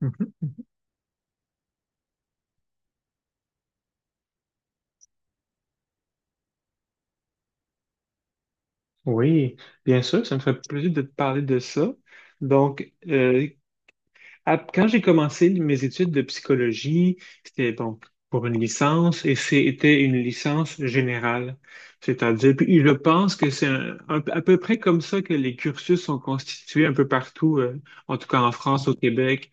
Mhm. Oui, bien sûr, ça me fait plaisir de te parler de ça. Donc, euh, Quand j'ai commencé mes études de psychologie, c'était donc pour une licence, et c'était une licence générale. C'est-à-dire, puis je pense que c'est à peu près comme ça que les cursus sont constitués un peu partout, en tout cas en France, au Québec.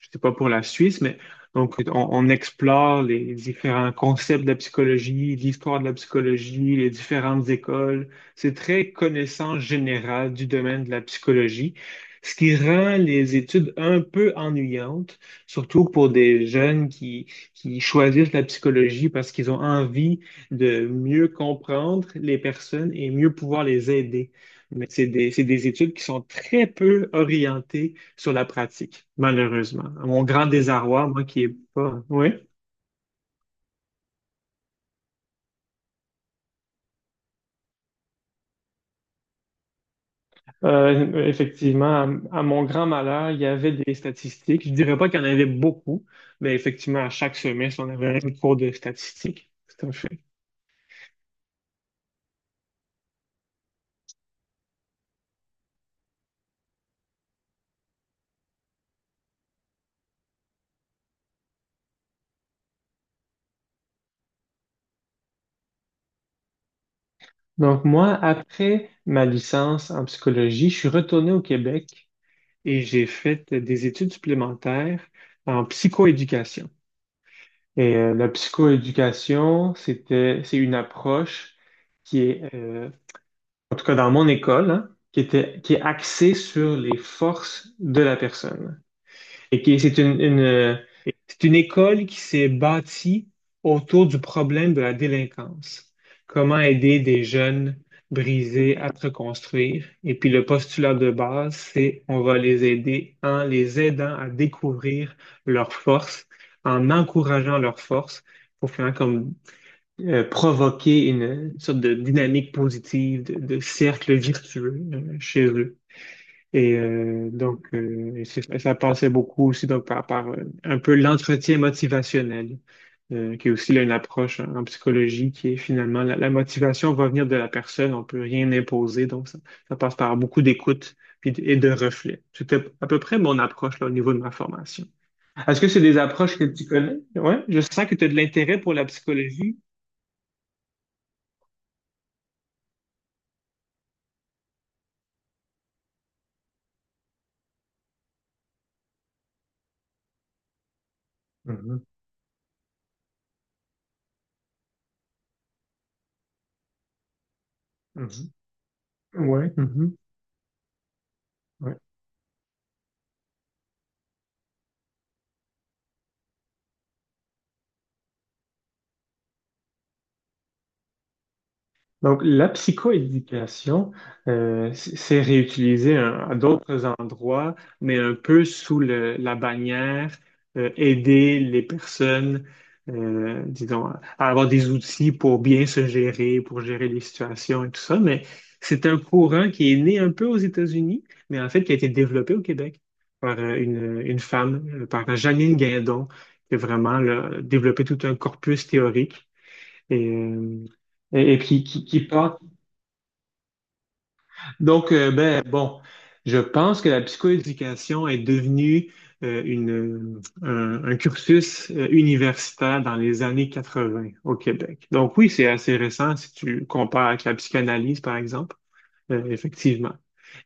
Je sais pas pour la Suisse, mais donc on explore les différents concepts de la psychologie, l'histoire de la psychologie, les différentes écoles. C'est très connaissance générale du domaine de la psychologie, ce qui rend les études un peu ennuyantes, surtout pour des jeunes qui choisissent la psychologie parce qu'ils ont envie de mieux comprendre les personnes et mieux pouvoir les aider. Mais c'est des études qui sont très peu orientées sur la pratique, malheureusement. À mon grand désarroi, moi qui est pas. Oui. Effectivement, à mon grand malheur, il y avait des statistiques. Je dirais pas qu'il y en avait beaucoup, mais effectivement, à chaque semestre, on avait un cours de statistiques. Tout à fait. Donc moi, après ma licence en psychologie, je suis retourné au Québec et j'ai fait des études supplémentaires en psychoéducation. La psychoéducation, c'est une approche qui est en tout cas dans mon école, hein, qui est axée sur les forces de la personne. Et qui, c'est une école qui s'est bâtie autour du problème de la délinquance. Comment aider des jeunes brisés à se reconstruire. Et puis le postulat de base, c'est on va les aider en les aidant à découvrir leurs forces, en encourageant leurs forces pour finalement comme provoquer une sorte de dynamique positive, de cercle virtueux chez eux. Ça passait beaucoup aussi donc, par un peu l'entretien motivationnel, qui est aussi là une approche en psychologie qui est finalement la motivation va venir de la personne, on peut rien imposer, ça passe par beaucoup d'écoute puis et de reflets. C'était à peu près mon approche là, au niveau de ma formation. Est-ce que c'est des approches que tu connais? Ouais, je sens que tu as de l'intérêt pour la psychologie. Mhm, mhm. Ouais, mhm, ouais. Donc, la psychoéducation, c'est réutilisé hein, à d'autres endroits, mais un peu sous la bannière aider les personnes, disons, à avoir des outils pour bien se gérer, pour gérer les situations et tout ça. Mais c'est un courant qui est né un peu aux États-Unis, mais en fait qui a été développé au Québec par une femme, par Janine Guindon, qui a vraiment là développé tout un corpus théorique et, euh, et qui partent. Donc, euh, ben, bon, je pense que la psychoéducation est devenue un cursus universitaire dans les années 80 au Québec. Donc, oui, c'est assez récent si tu compares avec la psychanalyse, par exemple, effectivement.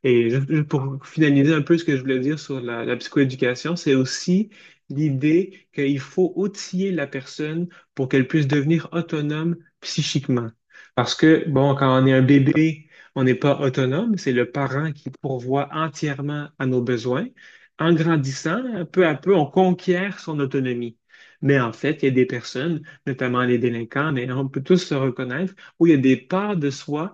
Et pour finaliser un peu ce que je voulais dire sur la psychoéducation, c'est aussi l'idée qu'il faut outiller la personne pour qu'elle puisse devenir autonome psychiquement. Parce que, bon, quand on est un bébé, on n'est pas autonome, c'est le parent qui pourvoit entièrement à nos besoins. En grandissant, peu à peu, on conquiert son autonomie. Mais en fait, il y a des personnes, notamment les délinquants, mais on peut tous se reconnaître, où il y a des parts de soi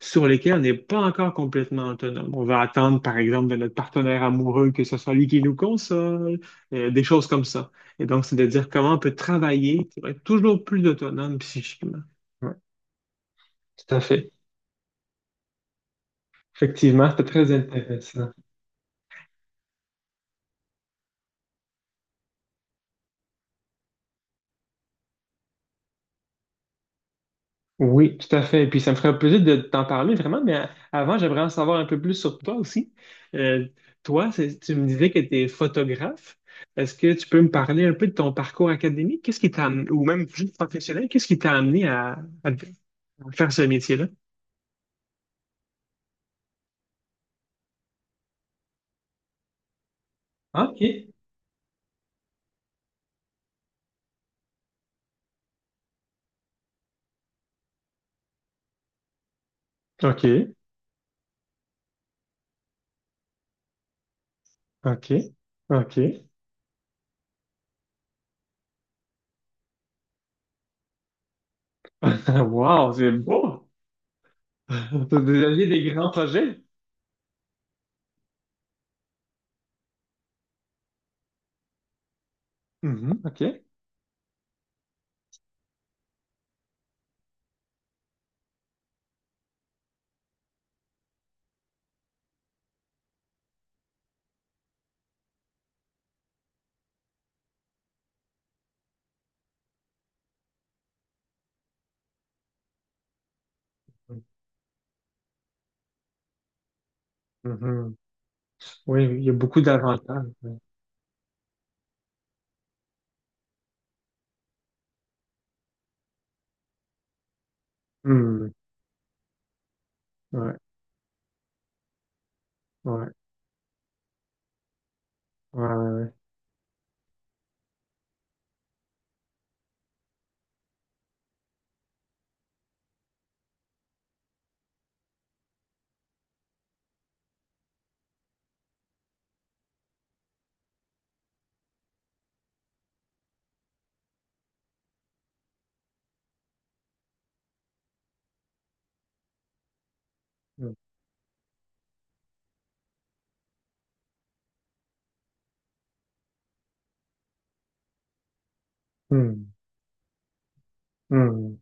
sur lesquels on n'est pas encore complètement autonome. On va attendre, par exemple, de notre partenaire amoureux que ce soit lui qui nous console, des choses comme ça. Et donc, c'est de dire comment on peut travailler pour être toujours plus autonome psychiquement. Ouais, tout à fait. Effectivement, c'était très intéressant. Oui, tout à fait. Et puis, ça me ferait plaisir de t'en parler vraiment, mais avant, j'aimerais en savoir un peu plus sur toi aussi. Euh, Toi, tu me disais que tu es photographe. Est-ce que tu peux me parler un peu de ton parcours académique? Qu'est-ce qui t'a amené, ou même juste professionnel, qu'est-ce qui t'a amené à, à faire ce métier-là? OK. OK, OK, OK. Wow, c'est beau! T'as déjà eu des grands projets? Mhm, OK. Mhm. Oui, oui, il y a beaucoup d'avantages. Hmm, ouais, ouais. Ouais, ouais, ouais. Hmm, hmm,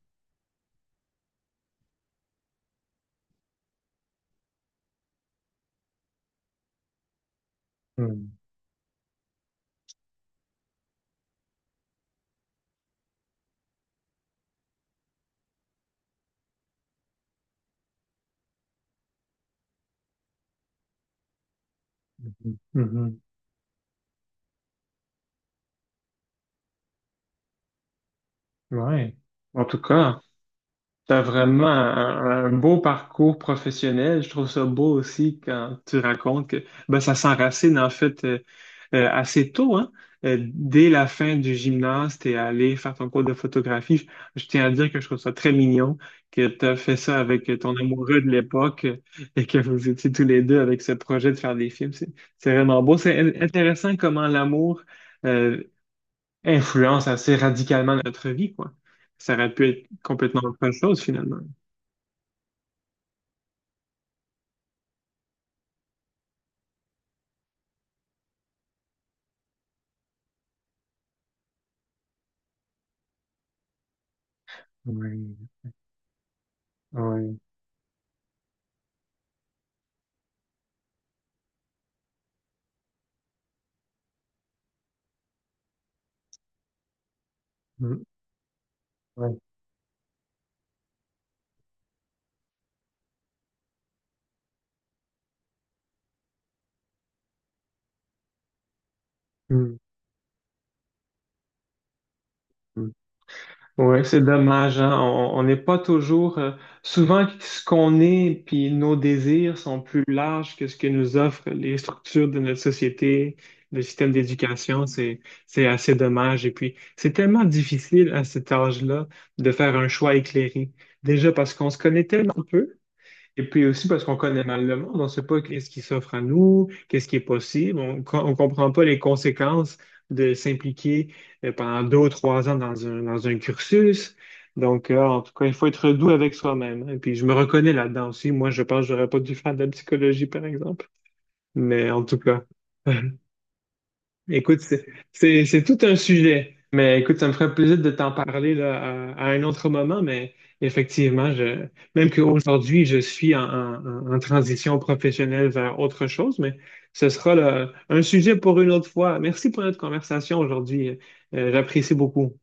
hmm, hmm, hmm, hmm. Ouais. En tout cas. T'as vraiment un beau parcours professionnel. Je trouve ça beau aussi quand tu racontes que ben, ça s'enracine en fait, assez tôt, hein. Dès la fin du gymnase, t'es allé faire ton cours de photographie. Je tiens à dire que je trouve ça très mignon que t'as fait ça avec ton amoureux de l'époque, et que vous étiez tous les deux avec ce projet de faire des films. C'est vraiment beau. C'est intéressant comment l'amour euh, influence assez radicalement notre vie, quoi. Ça aurait pu être complètement autre chose finalement. Oui, oui, mm, oui, mm, mm. Ouais, c'est dommage, hein. On n'est pas toujours... souvent, ce qu'on est, puis nos désirs sont plus larges que ce que nous offrent les structures de notre société, le système d'éducation. C'est assez dommage. Et puis, c'est tellement difficile à cet âge-là de faire un choix éclairé. Déjà parce qu'on se connaît tellement peu. Et puis aussi parce qu'on connaît mal le monde, on ne sait pas qu'est-ce qui s'offre à nous, qu'est-ce qui est possible, on ne comprend pas les conséquences de s'impliquer pendant 2 ou 3 ans dans un cursus. Donc, en tout cas, il faut être doux avec soi-même. Et puis, je me reconnais là-dedans aussi. Moi, je pense que j'aurais pas dû faire de la psychologie, par exemple. Mais en tout cas. Écoute, c'est tout un sujet, mais écoute, ça me ferait plaisir de t'en parler là, à un autre moment, mais effectivement, même qu'aujourd'hui, je suis en, en transition professionnelle vers autre chose, mais ce sera là un sujet pour une autre fois. Merci pour notre conversation aujourd'hui. J'apprécie beaucoup.